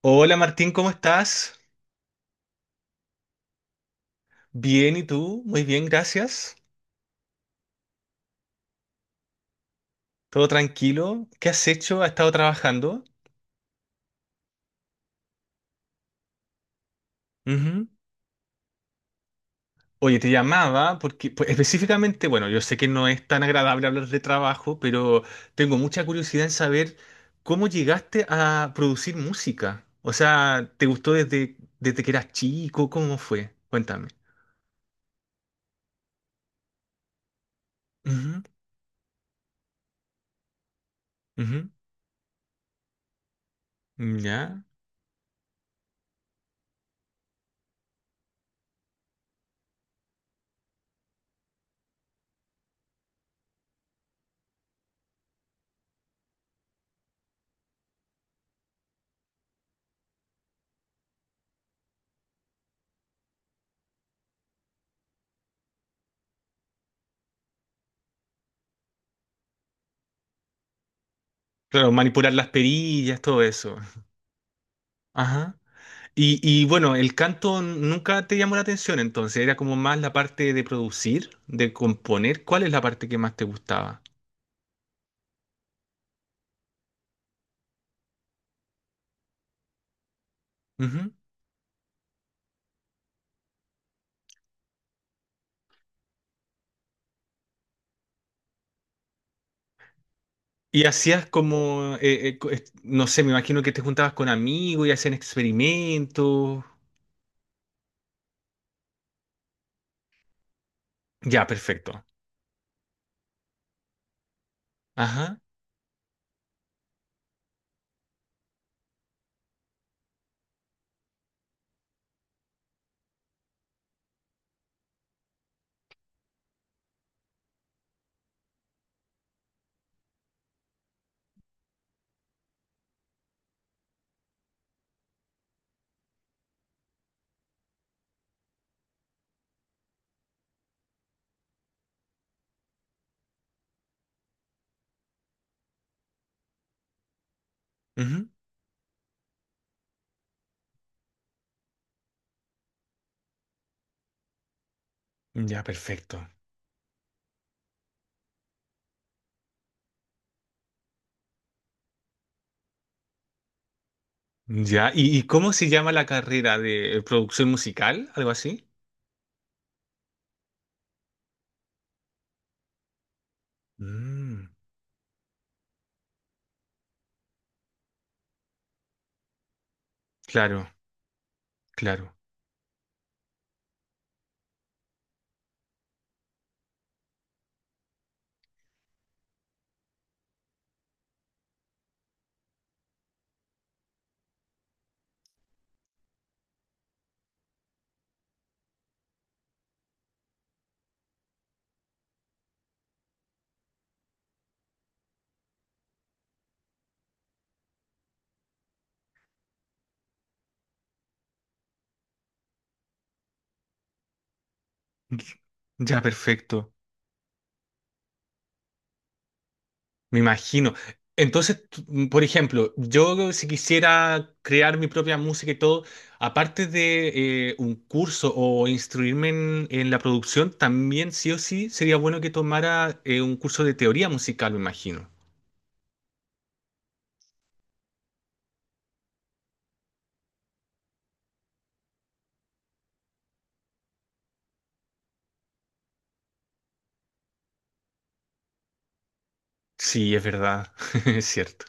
Hola Martín, ¿cómo estás? Bien, ¿y tú? Muy bien, gracias. ¿Todo tranquilo? ¿Qué has hecho? ¿Has estado trabajando? Ujú. Oye, te llamaba porque pues, específicamente, bueno, yo sé que no es tan agradable hablar de trabajo, pero tengo mucha curiosidad en saber cómo llegaste a producir música. O sea, ¿te gustó desde que eras chico? ¿Cómo fue? Cuéntame. Ujú, ujú. Ya. Claro, manipular las perillas, todo eso. Ajá. Y bueno, el canto nunca te llamó la atención, entonces era como más la parte de producir, de componer. ¿Cuál es la parte que más te gustaba? Ujú. Y hacías como, no sé, me imagino que te juntabas con amigos y hacían experimentos. Ya, perfecto. Ajá. Ujú. Ya, perfecto. Ya. ¿Y cómo se llama la carrera de producción musical? ¿Algo así? Mm, claro, claro. Ya, perfecto. Me imagino. Entonces, por ejemplo, yo si quisiera crear mi propia música y todo, aparte de un curso o instruirme en la producción, también sí o sí sería bueno que tomara un curso de teoría musical, me imagino. Sí, es verdad, es cierto.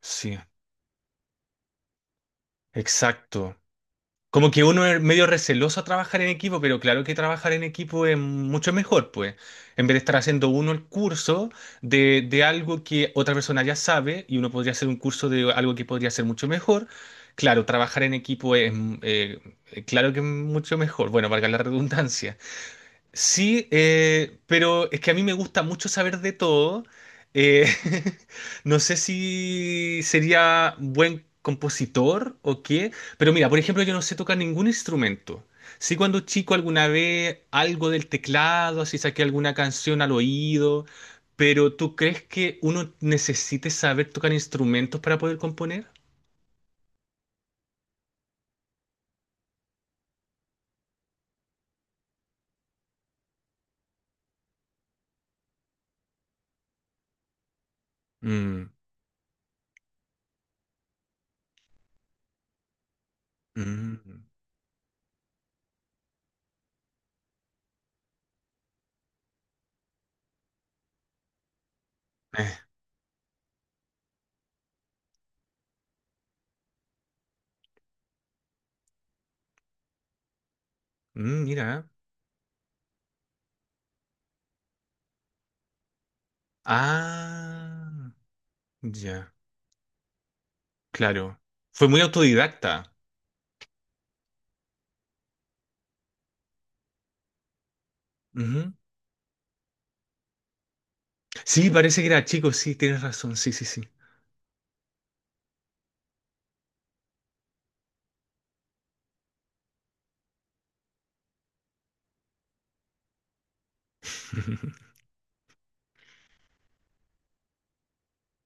Sí, exacto. Como que uno es medio receloso a trabajar en equipo, pero claro que trabajar en equipo es mucho mejor, pues. En vez de estar haciendo uno el curso de algo que otra persona ya sabe y uno podría hacer un curso de algo que podría ser mucho mejor. Claro, trabajar en equipo es, claro que es mucho mejor. Bueno, valga la redundancia. Sí, pero es que a mí me gusta mucho saber de todo. Eh, no sé si sería buen compositor o qué, pero mira, por ejemplo, yo no sé tocar ningún instrumento. Sí, cuando chico alguna vez algo del teclado, así saqué alguna canción al oído, pero ¿tú crees que uno necesite saber tocar instrumentos para poder componer? Mm, mm, eh, mira. Ah, ya. Claro. Fue muy autodidacta. Ujú. Sí, parece que era chico, sí, tienes razón, sí, sí, sí.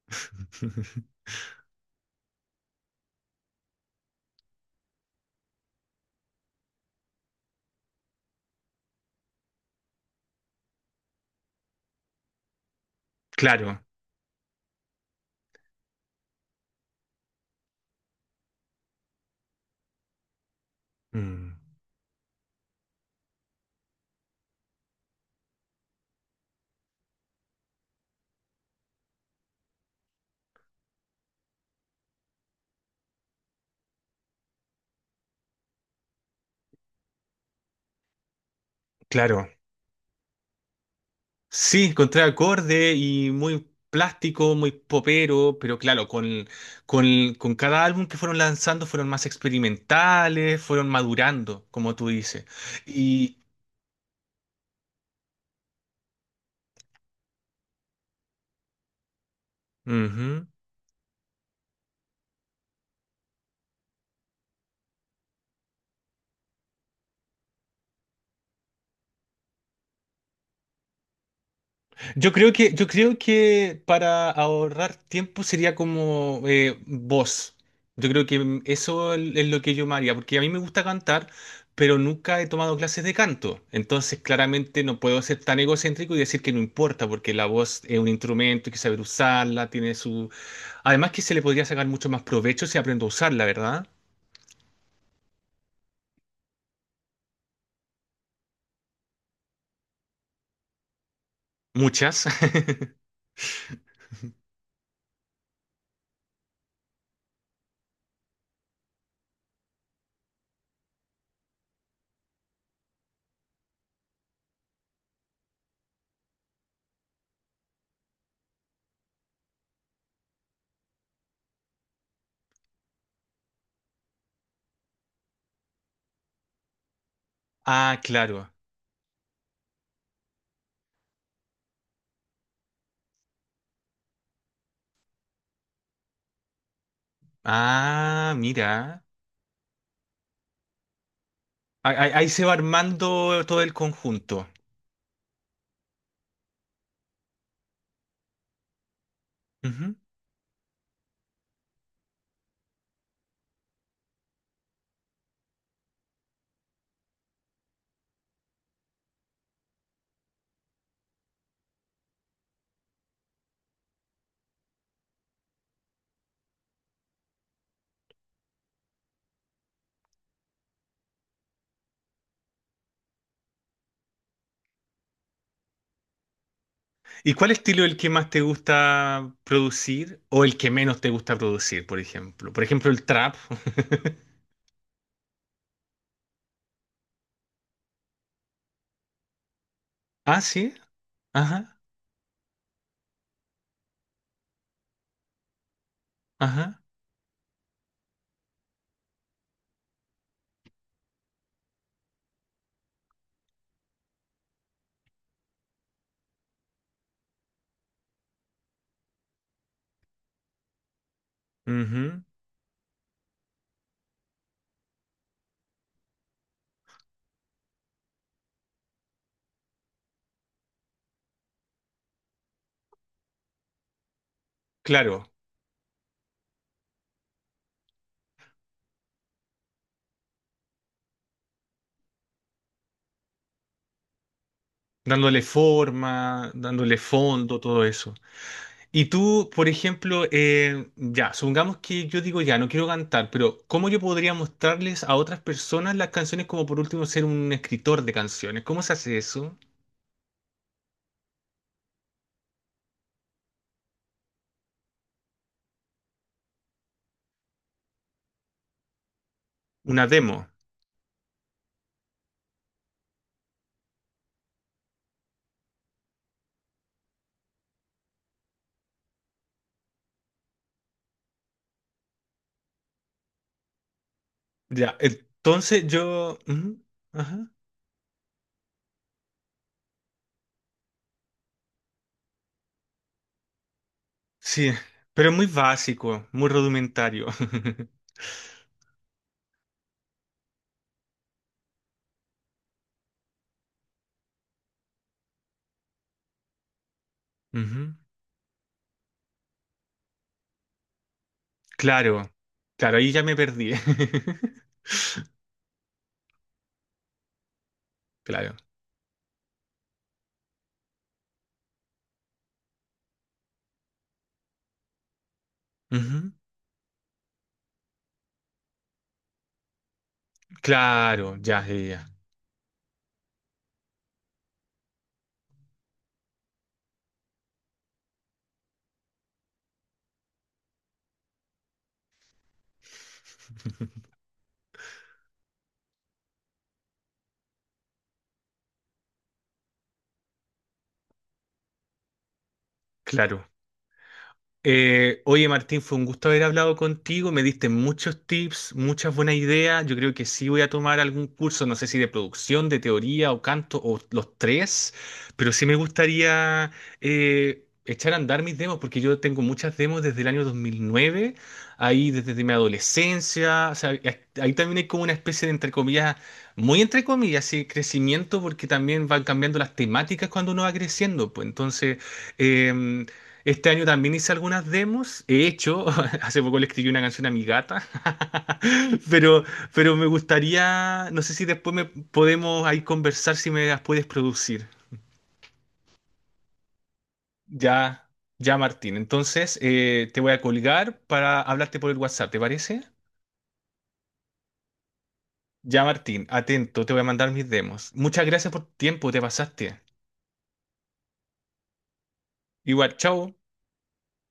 Claro. Mm, claro. Sí, encontré acorde y muy plástico, muy popero, pero claro, con cada álbum que fueron lanzando fueron más experimentales, fueron madurando, como tú dices. Y, ujú. Yo creo que para ahorrar tiempo sería como voz. Yo creo que eso es lo que yo me haría, porque a mí me gusta cantar, pero nunca he tomado clases de canto. Entonces, claramente no puedo ser tan egocéntrico y decir que no importa, porque la voz es un instrumento, hay que saber usarla, tiene su... Además que se le podría sacar mucho más provecho si aprendo a usarla, ¿verdad? Muchas. Ah, claro. Ah, mira. Ahí se va armando todo el conjunto. ¿Y cuál estilo es el que más te gusta producir o el que menos te gusta producir, por ejemplo? Por ejemplo, el trap. Ah, sí. Ajá, ajá. Ujú. Claro, dándole forma, dándole fondo, todo eso. Y tú, por ejemplo, ya, supongamos que yo digo ya, no quiero cantar, pero ¿cómo yo podría mostrarles a otras personas las canciones como por último ser un escritor de canciones? ¿Cómo se hace eso? Una demo. Ya, entonces ajá. Sí, pero muy básico, muy rudimentario. Ujú. Claro, claro, ahí ya me perdí. Claro. Ujú. Claro, ya. Claro. Oye Martín, fue un gusto haber hablado contigo, me diste muchos tips, muchas buenas ideas, yo creo que sí voy a tomar algún curso, no sé si de producción, de teoría o canto o los tres, pero sí me gustaría echar a andar mis demos porque yo tengo muchas demos desde el año 2009, ahí desde mi adolescencia, o sea, ahí también hay como una especie de entre comillas, muy entre comillas, sí, crecimiento porque también van cambiando las temáticas cuando uno va creciendo, pues entonces... em, este año también hice algunas demos. He hecho, hace poco le escribí una canción a mi gata, pero, pero me gustaría, no sé si después me podemos ahí conversar si me las puedes producir. Ya, ya Martín. Entonces, te voy a colgar para hablarte por el WhatsApp, ¿te parece? Ya Martín, atento, te voy a mandar mis demos. Muchas gracias por tu tiempo, te pasaste. Igual, chao.